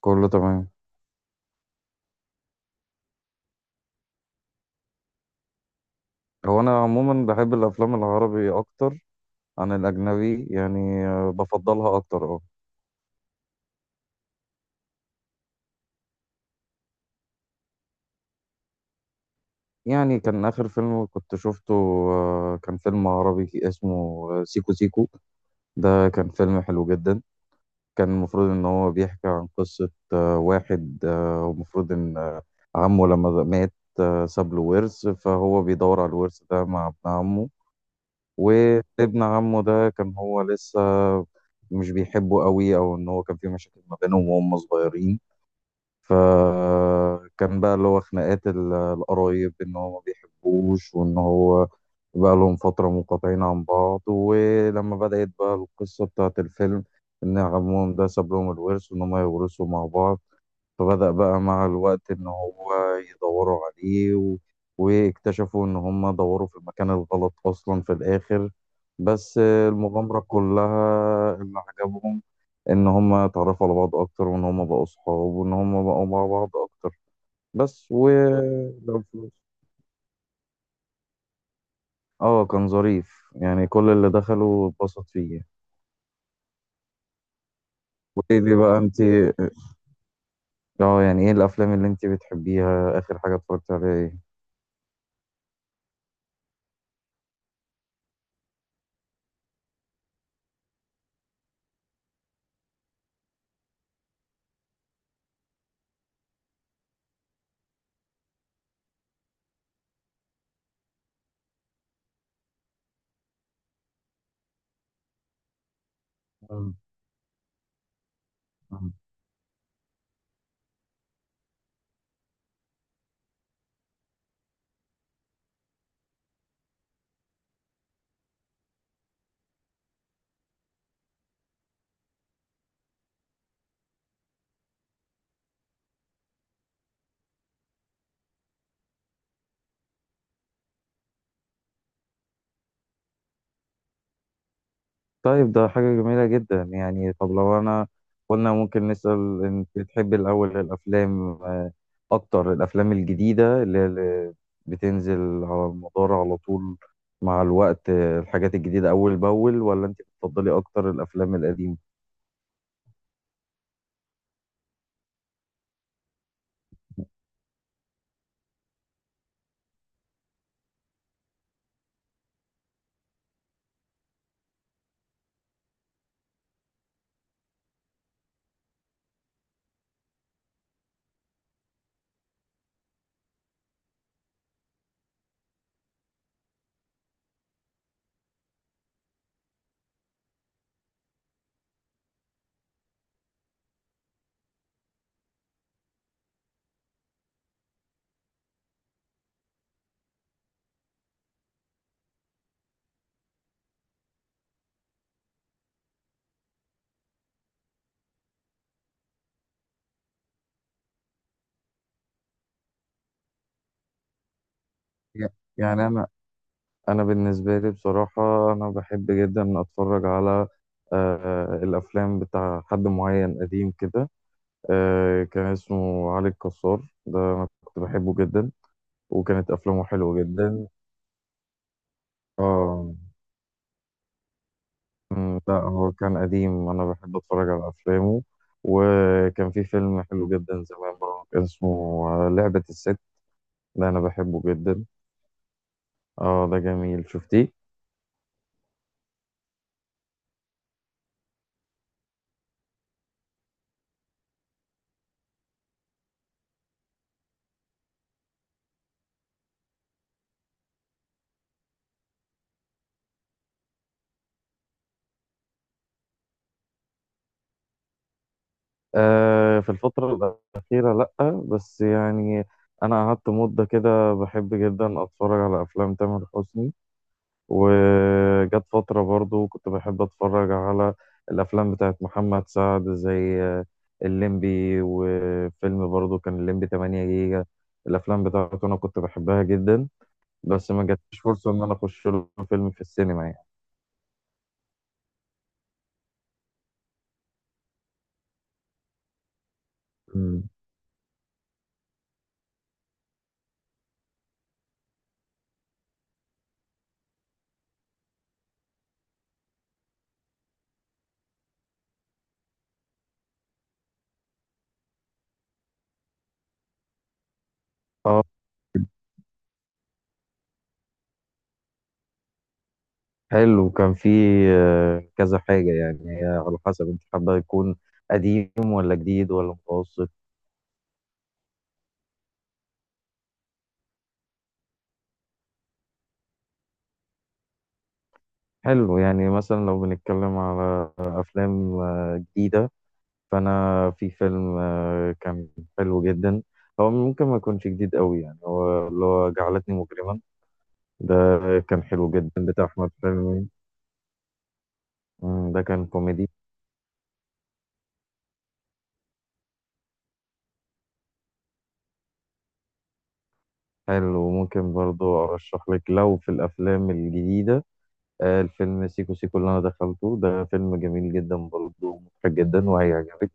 كله تمام. هو انا عموما بحب الافلام العربي اكتر عن الاجنبي يعني، بفضلها اكتر. اه يعني كان اخر فيلم كنت شفته كان فيلم عربي اسمه سيكو سيكو. ده كان فيلم حلو جدا. كان المفروض ان هو بيحكي عن قصة واحد المفروض ان عمه لما مات ساب له ورث، فهو بيدور على الورث ده مع ابن عمه. وابن عمه ده كان هو لسه مش بيحبه قوي، او ان هو كان في مشاكل ما بينهم وهم صغيرين. فكان بقى اللي هو خناقات القرايب ان هو ما بيحبوش، وان هو بقى لهم فترة منقطعين عن بعض. ولما بدأت بقى القصة بتاعت الفيلم ان عمهم ده ساب لهم الورث وان هم يورثوا مع بعض، فبدأ بقى مع الوقت إن هو يدوروا عليه واكتشفوا إن هم دوروا في المكان الغلط أصلا في الآخر. بس المغامرة كلها اللي عجبهم إن هم اتعرفوا على بعض أكتر، وإن هم بقوا صحاب، وإن هم بقوا مع بعض أكتر. بس و لو فلوس. آه كان ظريف يعني، كل اللي دخلوا اتبسط فيه. وإيه دي بقى أنت، يعني إيه الأفلام اللي أنت بتحبيها، آخر حاجة اتفرجت عليها إيه؟ مم. طيب ده حاجة جميلة جدا يعني. طب لو أنا قلنا ممكن نسأل، أنت بتحب الأول الأفلام، أكتر الأفلام الجديدة اللي بتنزل على المدار على طول مع الوقت، الحاجات الجديدة أول بأول، ولا أنت بتفضلي أكتر الأفلام القديمة؟ ي- يعني أنا بالنسبة لي بصراحة أنا بحب جدا أتفرج على الأفلام بتاع حد معين قديم كده. كان اسمه علي الكسار، ده أنا كنت بحبه جدا، وكانت أفلامه حلوة جدا. اه. مم، لا هو كان قديم، أنا بحب أتفرج على أفلامه. وكان في فيلم حلو جدا زمان برضه، كان اسمه لعبة الست، ده أنا بحبه جدا. اه ده جميل، شفتيه؟ في الفترة الأخيرة لأ، بس يعني أنا قعدت مدة كده بحب جدا أتفرج على أفلام تامر حسني. وجت فترة برضو كنت بحب أتفرج على الأفلام بتاعت محمد سعد زي الليمبي، وفيلم برضو كان الليمبي 8 جيجا. الأفلام بتاعته أنا كنت بحبها جدا، بس ما جاتش فرصة إن أنا أخش له فيلم في السينما يعني. مم. اه حلو. كان في كذا حاجة يعني، هي على حسب أنت حابة يكون قديم ولا جديد ولا متوسط. حلو يعني، مثلا لو بنتكلم على أفلام جديدة، فانا في فيلم كان حلو جدا، هو ممكن ما يكونش جديد قوي يعني، هو اللي هو جعلتني مجرما ده، كان حلو جدا بتاع احمد حلمي. مم، ده كان كوميدي. حلو، وممكن برضو ارشح لك لو في الافلام الجديده الفيلم سيكو سيكو اللي انا دخلته، ده فيلم جميل جدا برضو، مضحك جدا وهيعجبك.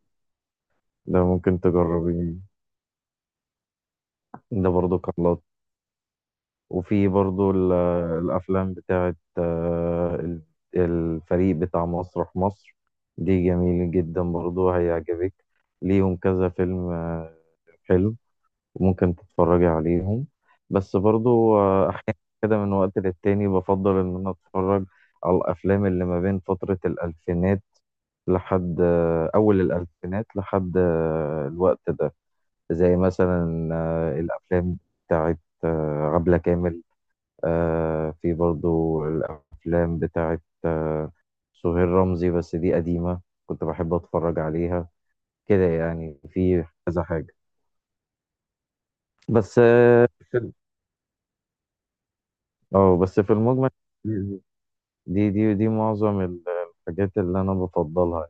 ده ممكن تجربيه. ده برضو كان لطيف. وفي برضو الأفلام بتاعت الفريق بتاع مسرح مصر، دي جميل جدا برضو هيعجبك. ليهم كذا فيلم حلو، ممكن تتفرجي عليهم. بس برضو أحيانا كده من وقت للتاني بفضل إن أنا أتفرج على الأفلام اللي ما بين فترة الألفينات لحد أول الألفينات لحد الوقت ده. زي مثلا الأفلام بتاعت عبلة كامل. في برضو الأفلام بتاعت سهير رمزي، بس دي قديمة كنت بحب أتفرج عليها كده يعني. في كذا حاجة بس. اه. في- اه بس في المجمل دي معظم الحاجات اللي أنا بفضلها.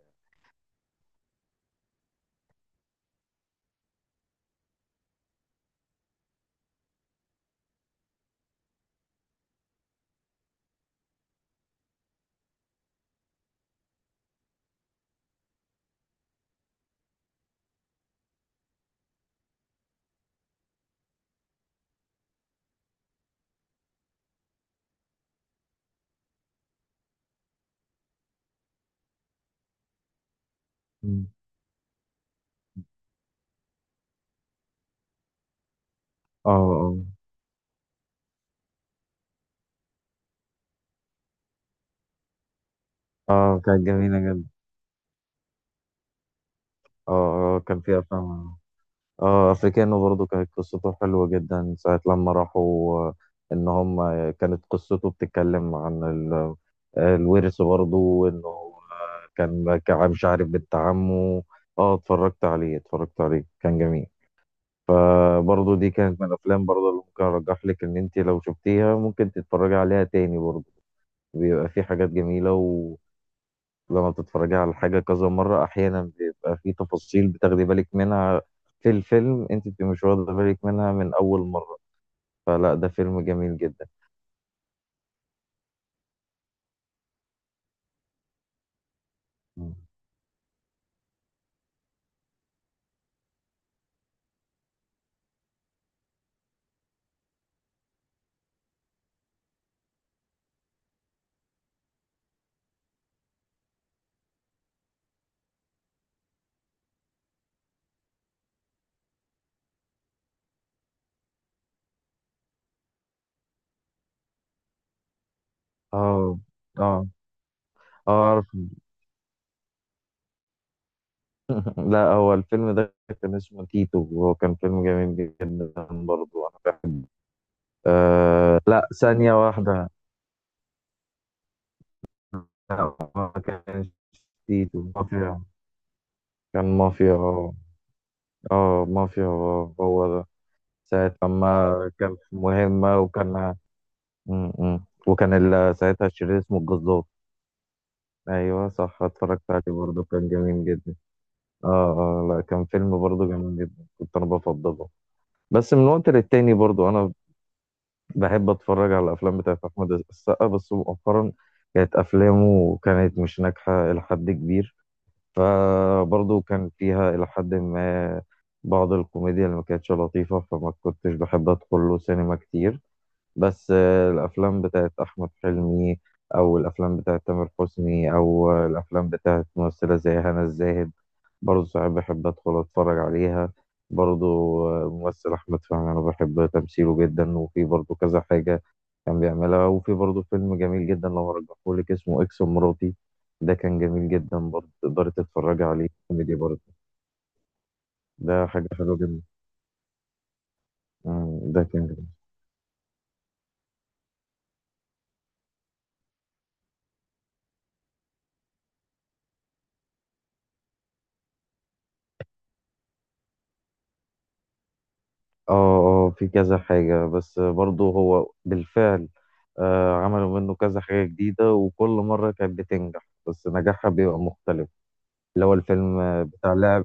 مم. اه اه. اه كانت جميلة جدا. اه اه كان فيها أفلام. اه افريكانو برضو كانت قصته حلوة جدا، ساعة لما راحوا ان هم، كانت قصته بتتكلم عن الورث برضو، انه كان مش عارف بنت عمه. اه اتفرجت عليه، اتفرجت عليه كان جميل. فبرضو دي كانت من الافلام برضو اللي ممكن ارجح لك ان انت لو شفتيها ممكن تتفرجي عليها تاني برضو، بيبقى في حاجات جميلة. لما بتتفرجي على حاجة كذا مرة، أحيانا بيبقى في تفاصيل بتاخدي بالك منها في الفيلم أنت بتبقي مش واخدة بالك منها من أول مرة. فلا ده فيلم جميل جدا. مم. اه اه اه أعرف. لا هو الفيلم ده كان اسمه تيتو، وهو كان فيلم جميل جدا برضه أنا بحبه. آه لا، ثانية واحدة. لا ما كانش تيتو مافيا، كان مافيا اه. اه مافيا، هو ده. ساعة لما كان في مهمة وكان امم، وكان ساعتها الشرير اسمه الجزار. ايوه صح، اتفرجت عليه برضه كان جميل جدا. اه اه. لا كان فيلم برضه جميل جدا كنت انا بفضله. بس من وقت للتاني برضه انا بحب اتفرج على الافلام بتاعت احمد السقا، بس مؤخرا كانت افلامه كانت مش ناجحه الى حد كبير، فبرضه كان فيها الى حد ما بعض الكوميديا اللي ما كانتش لطيفه، فما كنتش بحب ادخل له سينما كتير. بس الافلام بتاعت احمد حلمي، او الافلام بتاعت تامر حسني، او الافلام بتاعت ممثله زي هنا الزاهد، برضه ساعات بحب ادخل اتفرج عليها برضه. ممثل احمد فهمي انا بحب تمثيله جدا، وفي برضه كذا حاجه كان بيعملها. وفي برضه فيلم جميل جدا لو هرجحهولك اسمه اكس مراتي، ده كان جميل جدا برضه، تقدري تتفرجي عليه، كوميدي برضه. ده حاجه حلوه جدا. مم، ده كان. اه اه، في كذا حاجة بس برضه هو بالفعل، عملوا منه كذا حاجة جديدة وكل مرة كانت بتنجح، بس نجاحها بيبقى مختلف. اللي هو الفيلم بتاع لعب.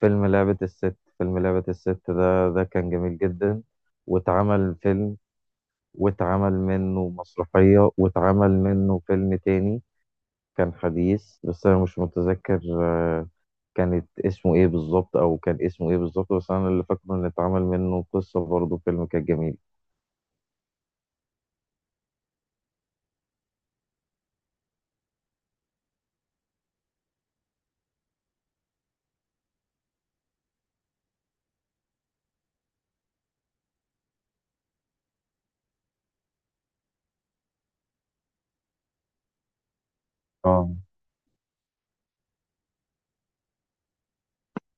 فيلم لعبة الست ده كان جميل جدا. واتعمل فيلم، واتعمل منه مسرحية، واتعمل منه فيلم تاني كان حديث، بس أنا مش متذكر كانت اسمه ايه بالظبط، او كان اسمه ايه بالظبط. بس انا اللي فاكره ان اتعمل منه قصة برضه، فيلم كان جميل. اه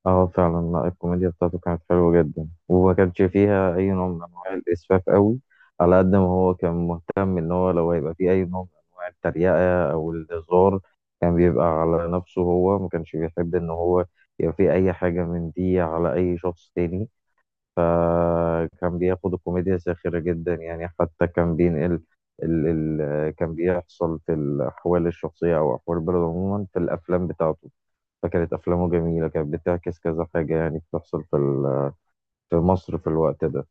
اه فعلا. لا الكوميديا بتاعته كانت حلوة جدا، وما كانش فيها أي نوع من أنواع الإسفاف قوي. على قد ما هو كان مهتم إن هو لو هيبقى فيه أي نوع من أنواع التريقة أو الهزار، كان بيبقى على نفسه. هو ما كانش بيحب إن هو يبقى فيه أي حاجة من دي على أي شخص تاني. فكان بياخد الكوميديا ساخرة جدا يعني. حتى كان بينقل ال ال كان بيحصل في الأحوال الشخصية أو أحوال البلد عموما في الأفلام بتاعته. فكانت أفلامه جميلة، كانت بتعكس كذا حاجة يعني بتحصل في في مصر في الوقت ده.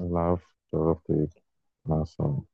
العفو. شرفت بيك. مع السلامة.